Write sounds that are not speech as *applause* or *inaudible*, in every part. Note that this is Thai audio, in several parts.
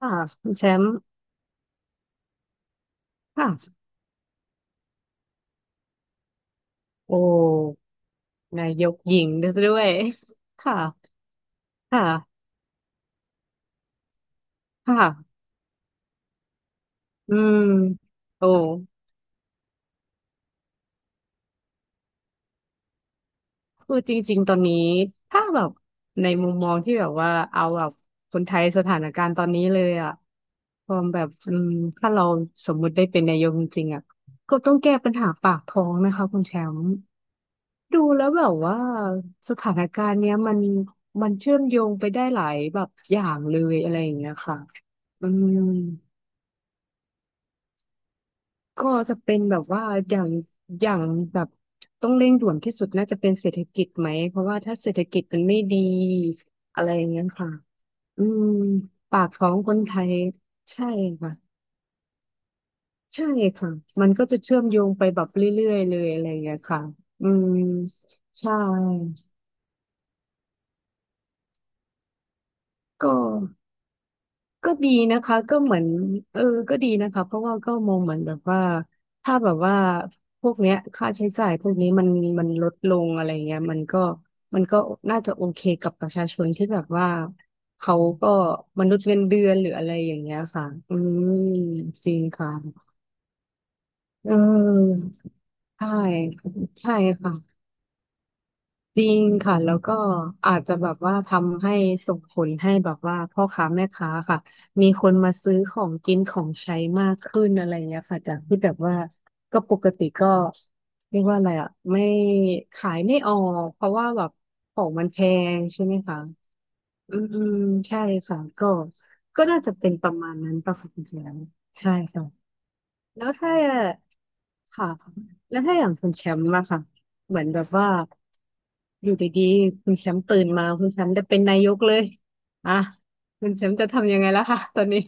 ค่ะคุณแชมป์ค่ะโอ้นายกหญิงด้วย *laughs* ค่ะค่ะค่ะอืมโอ้คือจริงๆตอนนี้ถ้าแบบในมุมมองที่แบบว่าเอาแบบคนไทยสถานการณ์ตอนนี้เลยอะความแบบถ้าเราสมมุติได้เป็นนายกจริงๆอะก็ต้องแก้ปัญหาปากท้องนะคะคุณแชมป์ดูแล้วแบบว่าสถานการณ์เนี้ยมันเชื่อมโยงไปได้หลายแบบอย่างเลยอะไรอย่างเงี้ยค่ะอืม ก็จะเป็นแบบว่าอย่างอย่างแบบต้องเร่งด่วนที่สุดน่าจะเป็นเศรษฐกิจไหมเพราะว่าถ้าเศรษฐกิจมันไม่ดีอะไรอย่างเงี้ยค่ะอืมปากท้องคนไทยใช่ค่ะใช่ค่ะมันก็จะเชื่อมโยงไปแบบเรื่อยๆเลยอะไรอย่างเงี้ยค่ะอืมใช่ก็ ก็ดีนะคะก็เหมือนเออก็ดีนะคะเพราะว่าก็มองเหมือนแบบว่าถ้าแบบว่าพวกเนี้ยค่าใช้จ่ายพวกนี้มันลดลงอะไรเงี้ยมันก็น่าจะโอเคกับประชาชนที่แบบว่าเขาก็มนุษย์เงินเดือนหรืออะไรอย่างเงี้ยค่ะอืมจริงค่ะเออใช่ใช่ค่ะ จริงค่ะแล้วก็อาจจะแบบว่าทำให้ส่งผลให้แบบว่าพ่อค้าแม่ค้าค่ะมีคนมาซื้อของกินของใช้มากขึ้นอะไรเงี้ยค่ะจากที่แบบว่าก็ปกติก็เรียกว่าอะไรอ่ะไม่ขายไม่ออกเพราะว่าแบบของมันแพงใช่ไหมคะอืมอืมใช่ค่ะก็น่าจะเป็นประมาณนั้นประมาณนี้แล้วใช่ค่ะ แล้วถ้าค่ะแล้วถ้าอย่างคุณแชมป์อะค่ะเหมือนแบบว่าอยู่ดีๆคุณแชมป์ตื่นมาคุณแชมป์ได้เป็นนายกเลยอ่ะคุณแชมป์จะทำยังไงล่ะคะตอนนี้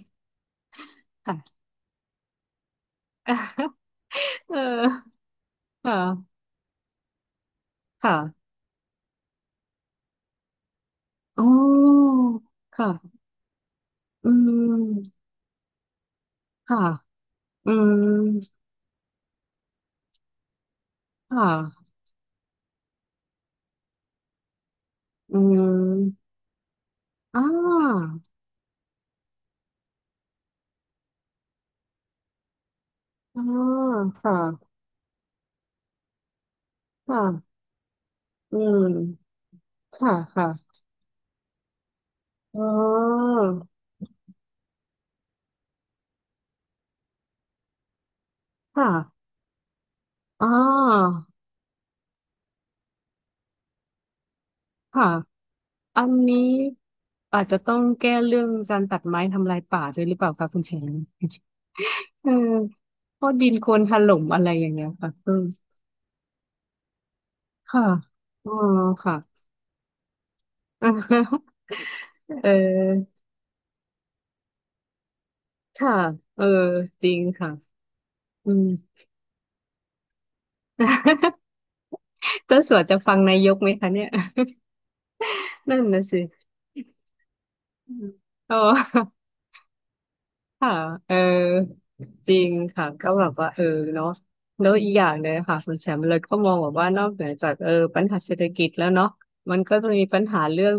ค่ะ *laughs* เออค่ะค่ะอ๋อค่ะอืมค่ะอืมค่ะอืมอ่าอ่าค่ะค่ะอืมค่ะค่ะอ๋อค่ะ อ่าค่ะอันนี้อาจจะต้องแก้เรื่องการตัดไม้ทำลายป่าด้วยหรือเปล่าคะคุณแชมป์เออเพราะดินโคลนถล่มอะไรอย่างเงี้ยค่ะเออค่ะอ๋อค่ะ *laughs* เออค่ะเออจริงค่ะอืม *laughs* เจ้าสัวจะฟังนายกไหมคะเนี่ย *laughs* นั่นนะสิอมอ๋อ ค่ะเออจริงค่ะ ก็แบบว่าเนาะแล้วอีกอย่างเลยค่ะคุณแชมป์เลยก็มองแบบว่านอกเหนือจากปัญหาเศรษฐกิจแล้วเนาะมันก็จะมีปัญหาเรื่อง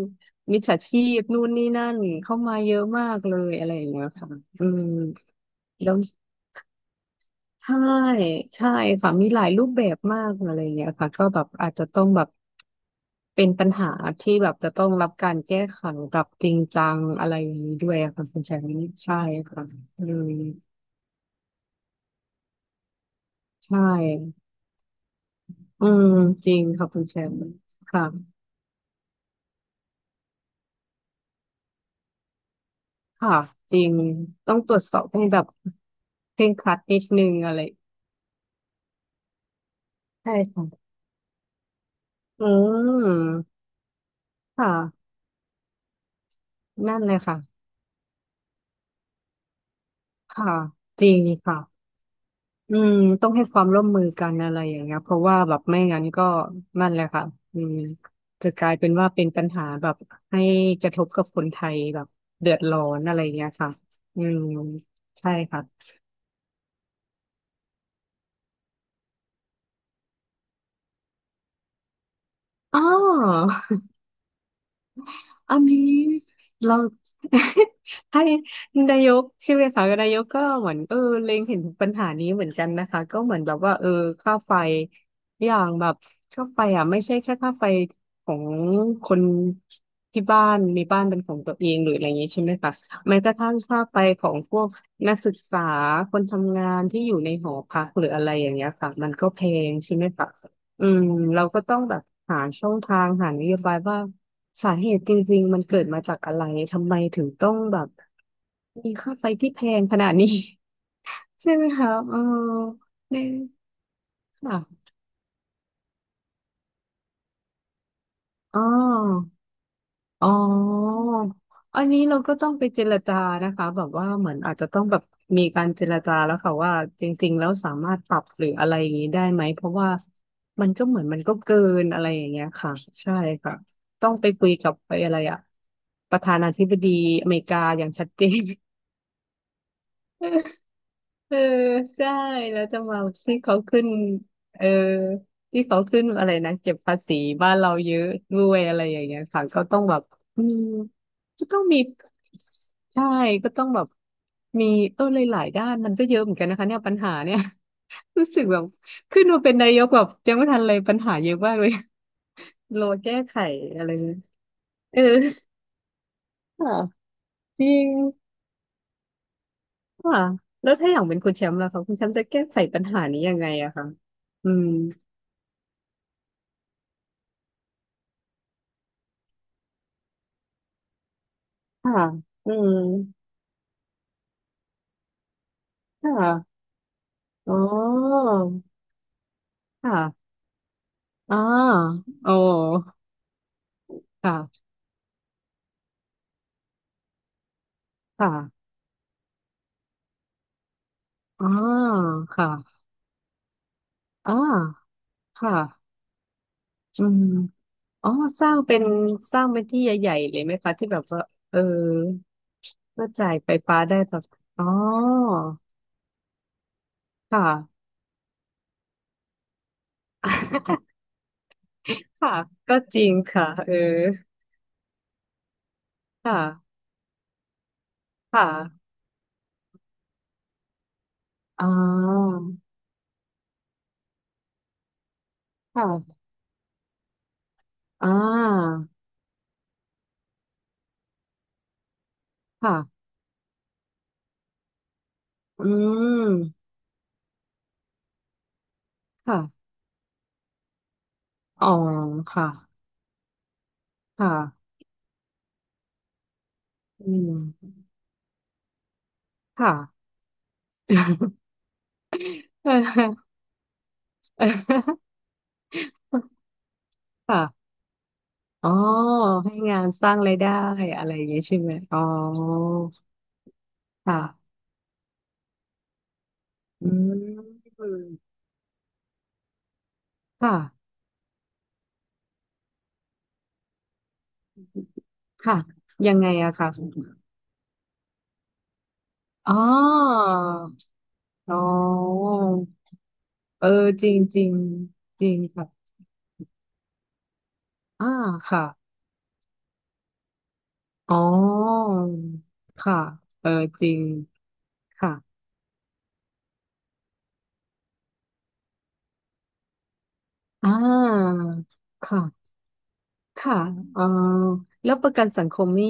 มิจฉาชีพนู่นนี่นั่นเข้ามาเยอะมากเลยอะไรอย่างเงี้ยค่ะอืมแล้วใช่ใช่ค่ะมีหลายรูปแบบมากอะไรอย่างเงี้ยค่ะก็แบบอาจจะต้องแบบเป็นปัญหาที่แบบจะต้องรับการแก้ไขแบบจริงจังอะไรอย่างนี้ด้วยอะค่ะคุณแชมป์ใช่ค่ะอืม ใช่อืมจริงค่ะคุณแชมป์ค่ะค่ะจริงต้องตรวจสอบให้แบบเคร่งครัดนิดนึงอะไรใช่ค่ะอืมค่ะ นั่นเลยค่ะ ค่ะจริงค่ะอืมต้องให้ความร่วมมือกันอะไรอย่างเงี้ยเพราะว่าแบบไม่งั้นก็นั่นแหละค่ะอืมจะกลายเป็นว่าเป็นปัญหาแบบให้กระทบกับคนไทยแบบเดือดร้อนอะไรอย่างเงี้ยค่ะอืมใช่ค่ะอ๋อ อันนี้เรา *laughs* ให้นายกใช่ไหมคะนายกก็เหมือนเล็งเห็นปัญหานี้เหมือนกันนะคะก็เหมือนแบบว่าค่าไฟอย่างแบบค่าไฟอ่ะไม่ใช่แค่ค่าไฟของคนที่บ้านมีบ้านเป็นของตัวเองหรืออะไรอย่างนี้ใช่ไหมคะแม้กระทั่งค่าไฟของพวกนักศึกษาคนทำงานที่อยู่ในหอพักหรืออะไรอย่างเงี้ยค่ะมันก็แพงใช่ไหมคะ อืมเราก็ต้องแบบหาช่องทางหานโยบายว่าสาเหตุจริงๆมันเกิดมาจากอะไรทำไมถึงต้องแบบมีค่าไฟที่แพงขนาดนี้ *laughs* ใช่ไหมคะเออเนี่ยค่ะอ๋อ อ๋ออันนี้เราก็ต้องไปเจรจานะคะแบบว่าเหมือนอาจจะต้องแบบมีการเจรจาแล้วค่ะว่าจริงๆแล้วสามารถปรับหรืออะไรอย่างนี้ได้ไหมเพราะว่ามันก็เกินอะไรอย่างเงี้ยค่ะใช่ค่ะต้องไปคุยกับไปอะไรอะประธานาธิบดีอเมริกาอย่างชัดเจน เออใช่แล้วจะมาที่เขาขึ้นเออที่เขาขึ้นอะไรนะเก็บภาษีบ้านเราเยอะด้วยอะไรอย่างเงี้ยค่ะก็ต้องแบบอืมก็ต้องมีใช่ก็ต้องแบบมีหลายๆด้านมันก็เยอะเหมือนกันนะคะเนี่ยปัญหาเนี่ย *laughs* รู้สึกแบบขึ้นมาเป็นนายกแบบยังไม่ทันเลยปัญหาเยอะมากเลยรอแก้ไขอะไรเนี่ยเออค่ะจริงค่ะแล้วถ้าอย่างเป็นคุณแชมป์ล่ะคะคุณแชมป์จะแก้ไขปัญหานี้ยังไงอะคะอืม ค่ะอืมค่ะอ๋อค่ะอ๋อโอ้ค่ะค่ะอ๋อค่ะอ๋อค่ะอืมอ๋อสร้างเป็นสร้างเป็นที่ใหญ่ๆเลยไหมคะที่แบบว่าเออก็จ่ายไฟฟ้าได้แบบอ๋อค่ะ *laughs* ค่ะก็จริงค่ะเออค่ะค่ะอ๋อค่ะอ่าค่ะอืมค่ะอ๋อค่ะค่ะ อืมค่ะ *laughs* ค่ะอ๋อให้งานสร้างรายได้อะไรอย่างงี้ใช่ไหมอ๋อค่ะอืมค่ะค่ะยังไงอะค่ะอ๋ออ๋อเออจริงจริงจริงค่ะอ่าค่ะอ๋อค่ะเออจริงค่ะอ่าค่ะ ค่ะเอ่อแล้วประกันสังคมนี่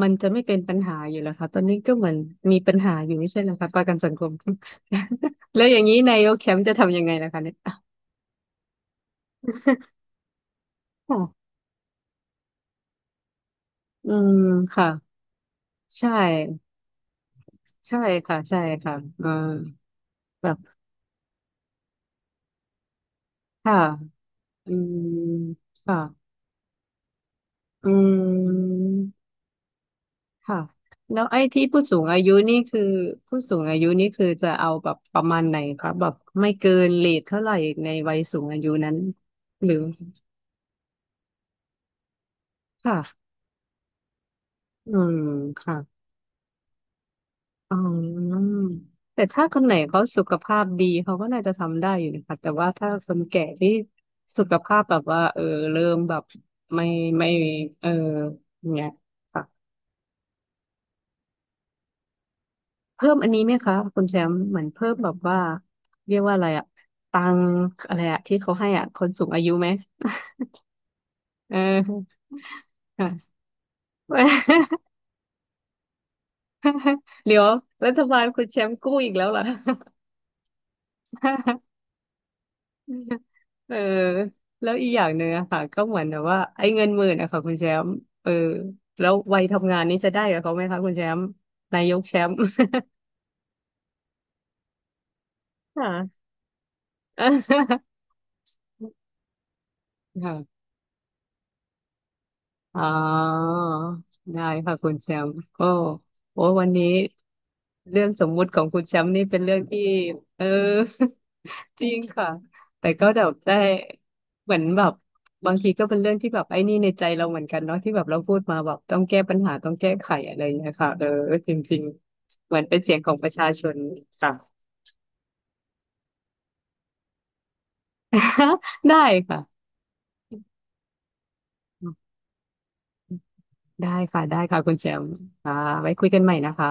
มันจะไม่เป็นปัญหาอยู่แล้วค่ะตอนนี้ก็เหมือนมีปัญหาอยู่ไม่ใช่เหรอคะประกันสังคม *laughs* แล้วอย่างนี้นายกแชมป์จะทำยังไงล่ะคะเนี่ยค่ะอืมค่ะใช่ใช่ค่ะ ใช่ค่ะแบบ ค่ะอืมค่ะอืม ค่ะแล้วไอ้ที่ผู้สูงอายุนี่คือผู้สูงอายุนี่คือจะเอาแบบประมาณไหนคะแบบไม่เกินเรทเท่าไหร่ในวัยสูงอายุนั้นหรือค่ะอืมค่ะอ๋อแต่ถ้าคนไหนเขาสุขภาพดีเขาก็น่าจะทำได้อยู่นะคะแต่ว่าถ้าคนแก่ที่สุขภาพแบบว่าเออเริ่มแบบไม่ไม่เอออย่างเงี้ยค่ะ เพิ่มอันนี้ไหมคะคุณแชมป์เหมือนเพิ่มแบบว่าเรียกว่าอะไรอะตังค์อะไรอะที่เขาให้อะคนสูงอายุไหมเออค่ะ *laughs* เดี๋ยวรัฐบาลคุณแชมป์กู้อีกแล้วเหรอ *laughs* เออแล้วอีกอย่างหนึ่งอะค่ะก็เหมือนแบบว่าไอ้เงินหมื่นอะค่ะคุณแชมป์เออแล้ววัยทำงานนี้จะได้กับเขาไหมคะคุณแชมป์นายกแชมป์ *laughs* ค่ะ *laughs* อ๋อได้ค่ะคุณแชมป์ก็โอ้วันนี้เรื่องสมมุติของคุณแชมป์นี่เป็นเรื่องที่เออ *laughs* จริงค่ะแต่ก็แบบได้เหมือนแบบบางทีก็เป็นเรื่องที่แบบไอ้นี่ในใจเราเหมือนกันเนาะที่แบบเราพูดมาแบบต้องแก้ปัญหาต้องแก้ไขอะไรอย่างเงี้ยค่ะเออจริงๆเหมือนเป็นเสียงของประชาชนค่ะ *laughs* ได้ค่ะได้ค่ะได้ค่ะคุณแชมป์ค่ะไว้คุยกันใหม่นะคะ